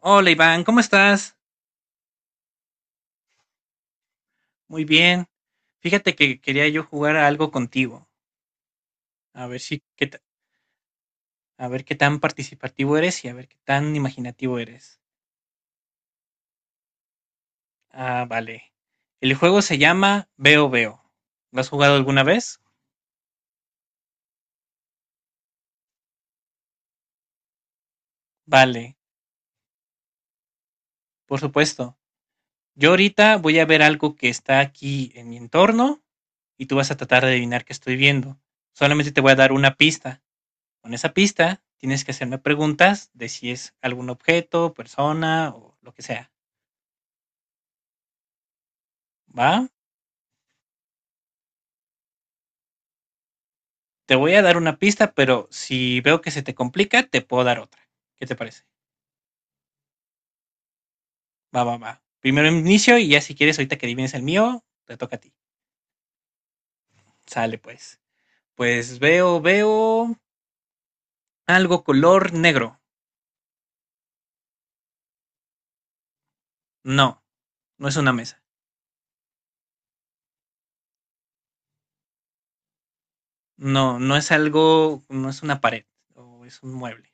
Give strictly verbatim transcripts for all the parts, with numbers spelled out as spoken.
Hola Iván, ¿cómo estás? Muy bien. Fíjate que quería yo jugar a algo contigo, a ver si qué ta- a ver qué tan participativo eres y a ver qué tan imaginativo eres. Ah, vale. El juego se llama Veo Veo. ¿Lo has jugado alguna vez? Vale, por supuesto. Yo ahorita voy a ver algo que está aquí en mi entorno y tú vas a tratar de adivinar qué estoy viendo. Solamente te voy a dar una pista. Con esa pista tienes que hacerme preguntas de si es algún objeto, persona o lo que sea. ¿Va? Te voy a dar una pista, pero si veo que se te complica, te puedo dar otra. ¿Qué te parece? Va, va, va. Primero inicio y ya si quieres, ahorita que adivines el mío, te toca a ti. Sale pues. Pues veo, veo algo color negro. No, no es una mesa. No, no es algo, no es una pared o es un mueble.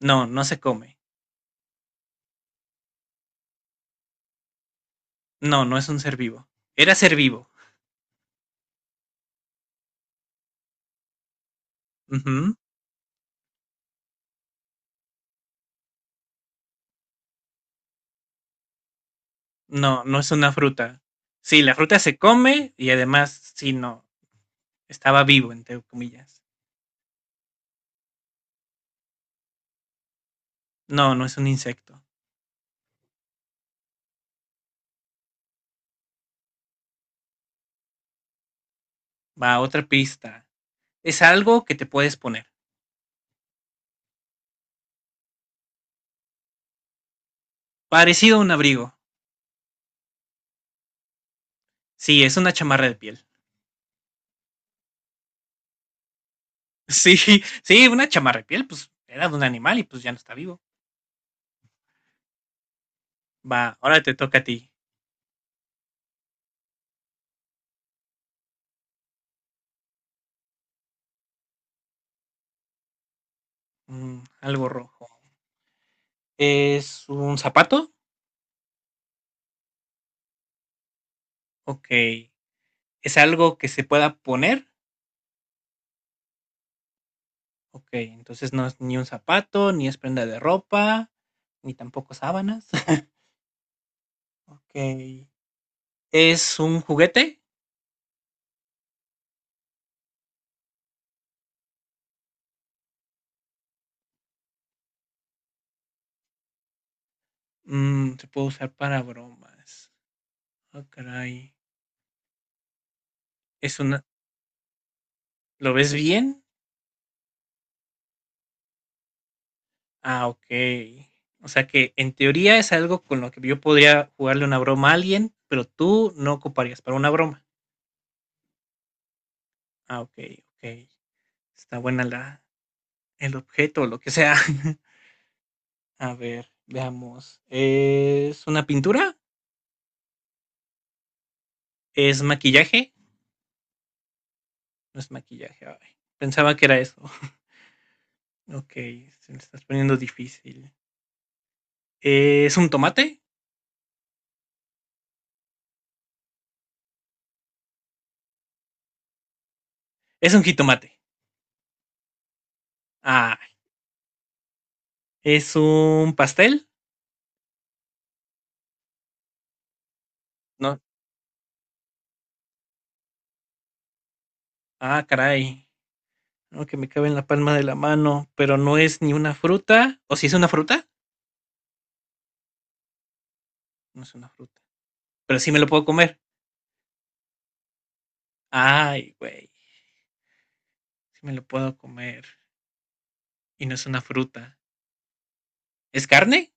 No, no se come. No, no es un ser vivo. Era ser vivo. Ujú. No, no es una fruta. Sí, la fruta se come y además, sí, no, estaba vivo, entre comillas. No, no es un insecto. Va, otra pista. Es algo que te puedes poner. Parecido a un abrigo. Sí, es una chamarra de piel. Sí, sí, una chamarra de piel, pues era de un animal y pues ya no está vivo. Va, ahora te toca a ti. Mm, algo rojo. ¿Es un zapato? Ok. ¿Es algo que se pueda poner? Okey, entonces no es ni un zapato, ni es prenda de ropa, ni tampoco sábanas. Okey. ¿Es un juguete? Mm, se puede usar para bromas. Ah, caray. Es una, ¿lo ves bien? Ah, okey. O sea que, en teoría, es algo con lo que yo podría jugarle una broma a alguien, pero tú no ocuparías para una broma. Ah, okey, okey. Está buena la el objeto, o lo que sea. A ver, veamos, ¿es una pintura? ¿Es maquillaje? No es maquillaje. Ay, pensaba que era eso. Ok, se me estás poniendo difícil. ¿Es un tomate? Es un jitomate. Ah, ¿es un pastel? No. Ah, caray. No, que me cabe en la palma de la mano, pero no es ni una fruta. ¿O si es una fruta? No es una fruta. Pero sí me lo puedo comer. Ay, güey. Sí me lo puedo comer. Y no es una fruta. ¿Es carne?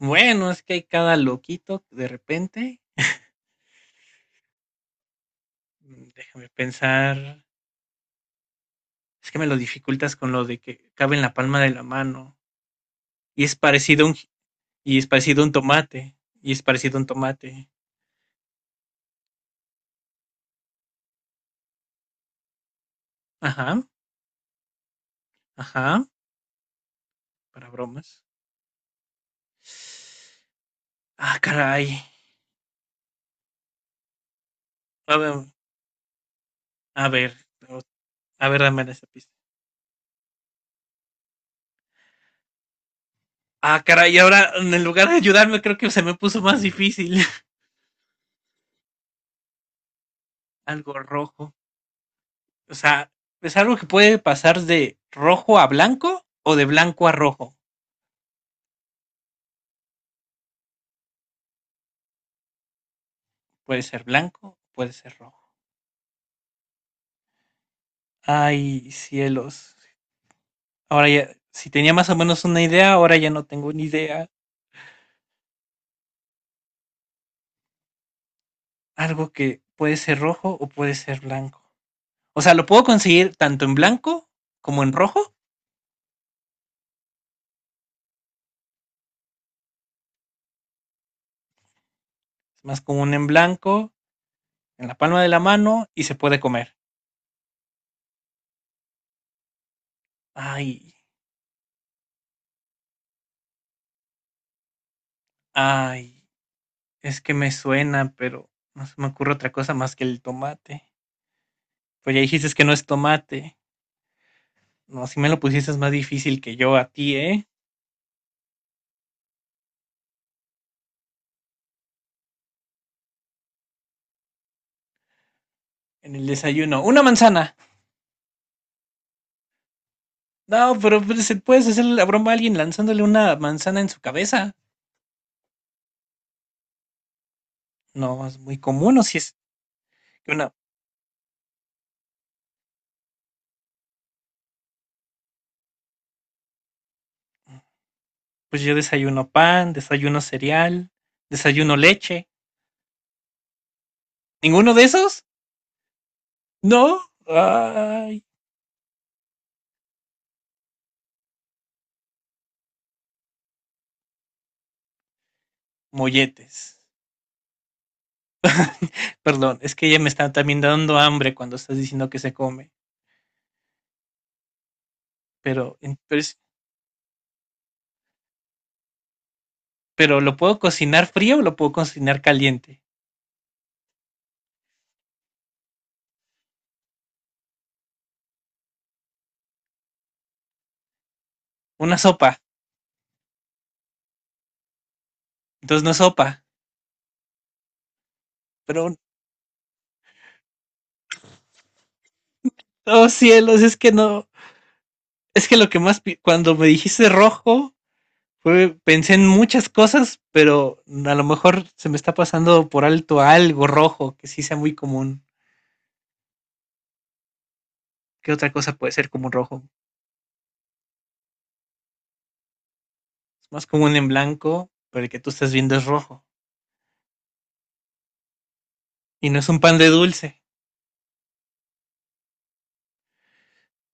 Bueno, es que hay cada loquito de repente. Mm, déjame pensar. Es que me lo dificultas con lo de que cabe en la palma de la mano. Y es parecido a un, y es parecido a un tomate. Y es parecido a un tomate. Ajá, ajá, para bromas. Ah, caray. A ver, a ver, a ver, dame esa pista. Ah, caray, ahora en lugar de ayudarme creo que se me puso más difícil. Algo rojo. O sea, es algo que puede pasar de rojo a blanco o de blanco a rojo. Puede ser blanco, puede ser rojo. Ay, cielos, ahora ya, si tenía más o menos una idea, ahora ya no tengo ni idea. Algo que puede ser rojo o puede ser blanco. O sea, lo puedo conseguir tanto en blanco como en rojo. Es más común en blanco, en la palma de la mano y se puede comer. Ay, ay, es que me suena, pero no se me ocurre otra cosa más que el tomate. Pues ya dijiste que no es tomate. No, si me lo pusieses más difícil que yo a ti, ¿eh? En el desayuno. Una manzana. No, pero pues, se puedes hacer la broma a alguien lanzándole una manzana en su cabeza. No, es muy común. O si es que una, pues yo desayuno pan, desayuno cereal, desayuno leche. ¿Ninguno de esos? No. Ay, molletes. Perdón, es que ella me está también dando hambre cuando estás diciendo que se come. Pero, en- pero, es- pero lo puedo cocinar frío o lo puedo cocinar caliente. Una sopa. Entonces no es sopa. Pero, oh cielos, es que no. Es que lo que más, pi- cuando me dijiste rojo, fue, pensé en muchas cosas, pero a lo mejor se me está pasando por alto algo rojo, que sí sea muy común. ¿Qué otra cosa puede ser común rojo? Es más común en blanco, pero el que tú estás viendo es rojo. Y no es un pan de dulce.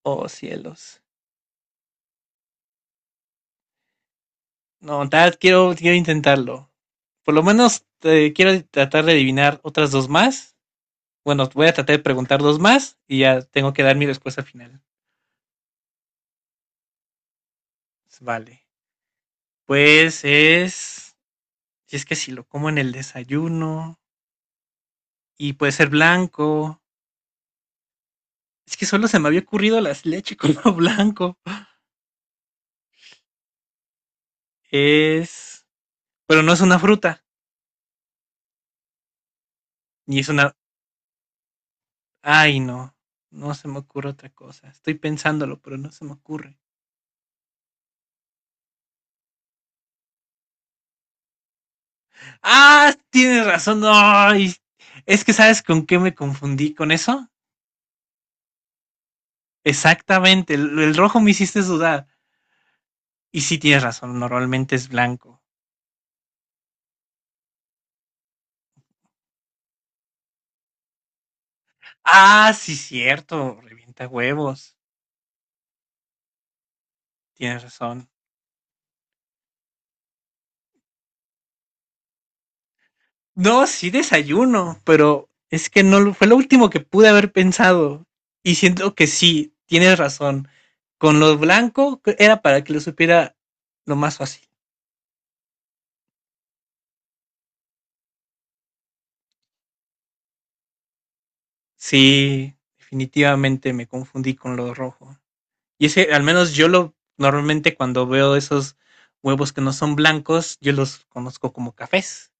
Oh, cielos. No, tal, quiero, quiero intentarlo. Por lo menos eh, quiero tratar de adivinar otras dos más. Bueno, voy a tratar de preguntar dos más y ya tengo que dar mi respuesta final. Vale. Pues es. Si es que si lo como en el desayuno y puede ser blanco. Es que solo se me había ocurrido la leche color blanco. Es. Pero no es una fruta, ni es una. Ay, no. No se me ocurre otra cosa. Estoy pensándolo, pero no se me ocurre. ¡Ah! Tienes razón. ¡Ay! Es que sabes con qué me confundí con eso. Exactamente. El, el rojo me hiciste dudar. Y sí tienes razón. Normalmente es blanco. Ah, sí, cierto. Revienta huevos. Tienes razón. No, sí desayuno, pero es que no lo- fue lo último que pude haber pensado. Y siento que sí, tienes razón. Con lo blanco que era para que lo supiera lo más fácil. Sí, definitivamente me confundí con lo rojo. Y es que al menos yo lo normalmente cuando veo esos huevos que no son blancos, yo los conozco como cafés.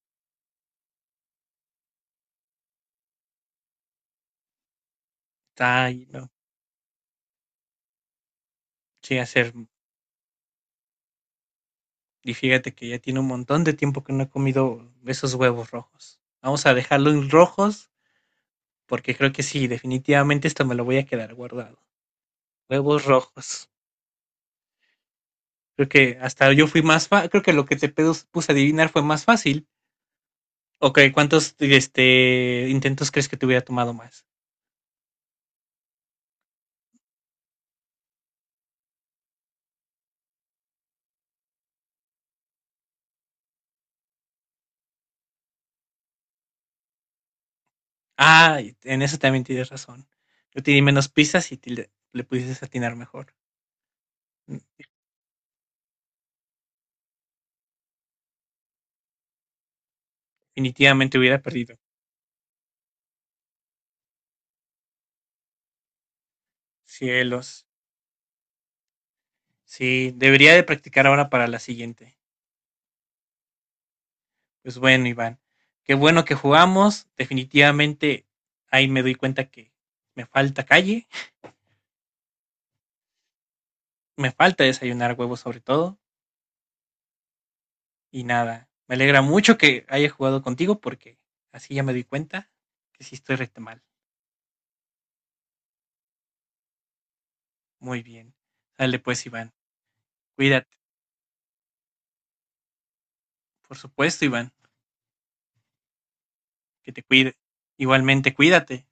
Está, ahí, no, sí, hacer. Y fíjate que ya tiene un montón de tiempo que no he comido esos huevos rojos. Vamos a dejarlos rojos porque creo que sí, definitivamente esto me lo voy a quedar guardado. Huevos rojos. Creo que hasta yo fui más fa creo que lo que te pedos- puse a adivinar fue más fácil. Ok, ¿cuántos este, intentos crees que te hubiera tomado más? Ah, y en eso también tienes razón. Yo te di menos pistas y te le, le pudiste atinar mejor. Mm, definitivamente hubiera perdido. Cielos. Sí, debería de practicar ahora para la siguiente. Pues bueno, Iván. Qué bueno que jugamos. Definitivamente ahí me doy cuenta que me falta calle, me falta desayunar huevos sobre todo. Y nada, me alegra mucho que haya jugado contigo porque así ya me di cuenta que sí estoy recta mal. Muy bien. Dale pues, Iván. Cuídate. Por supuesto, Iván, que te cuide. Igualmente, cuídate.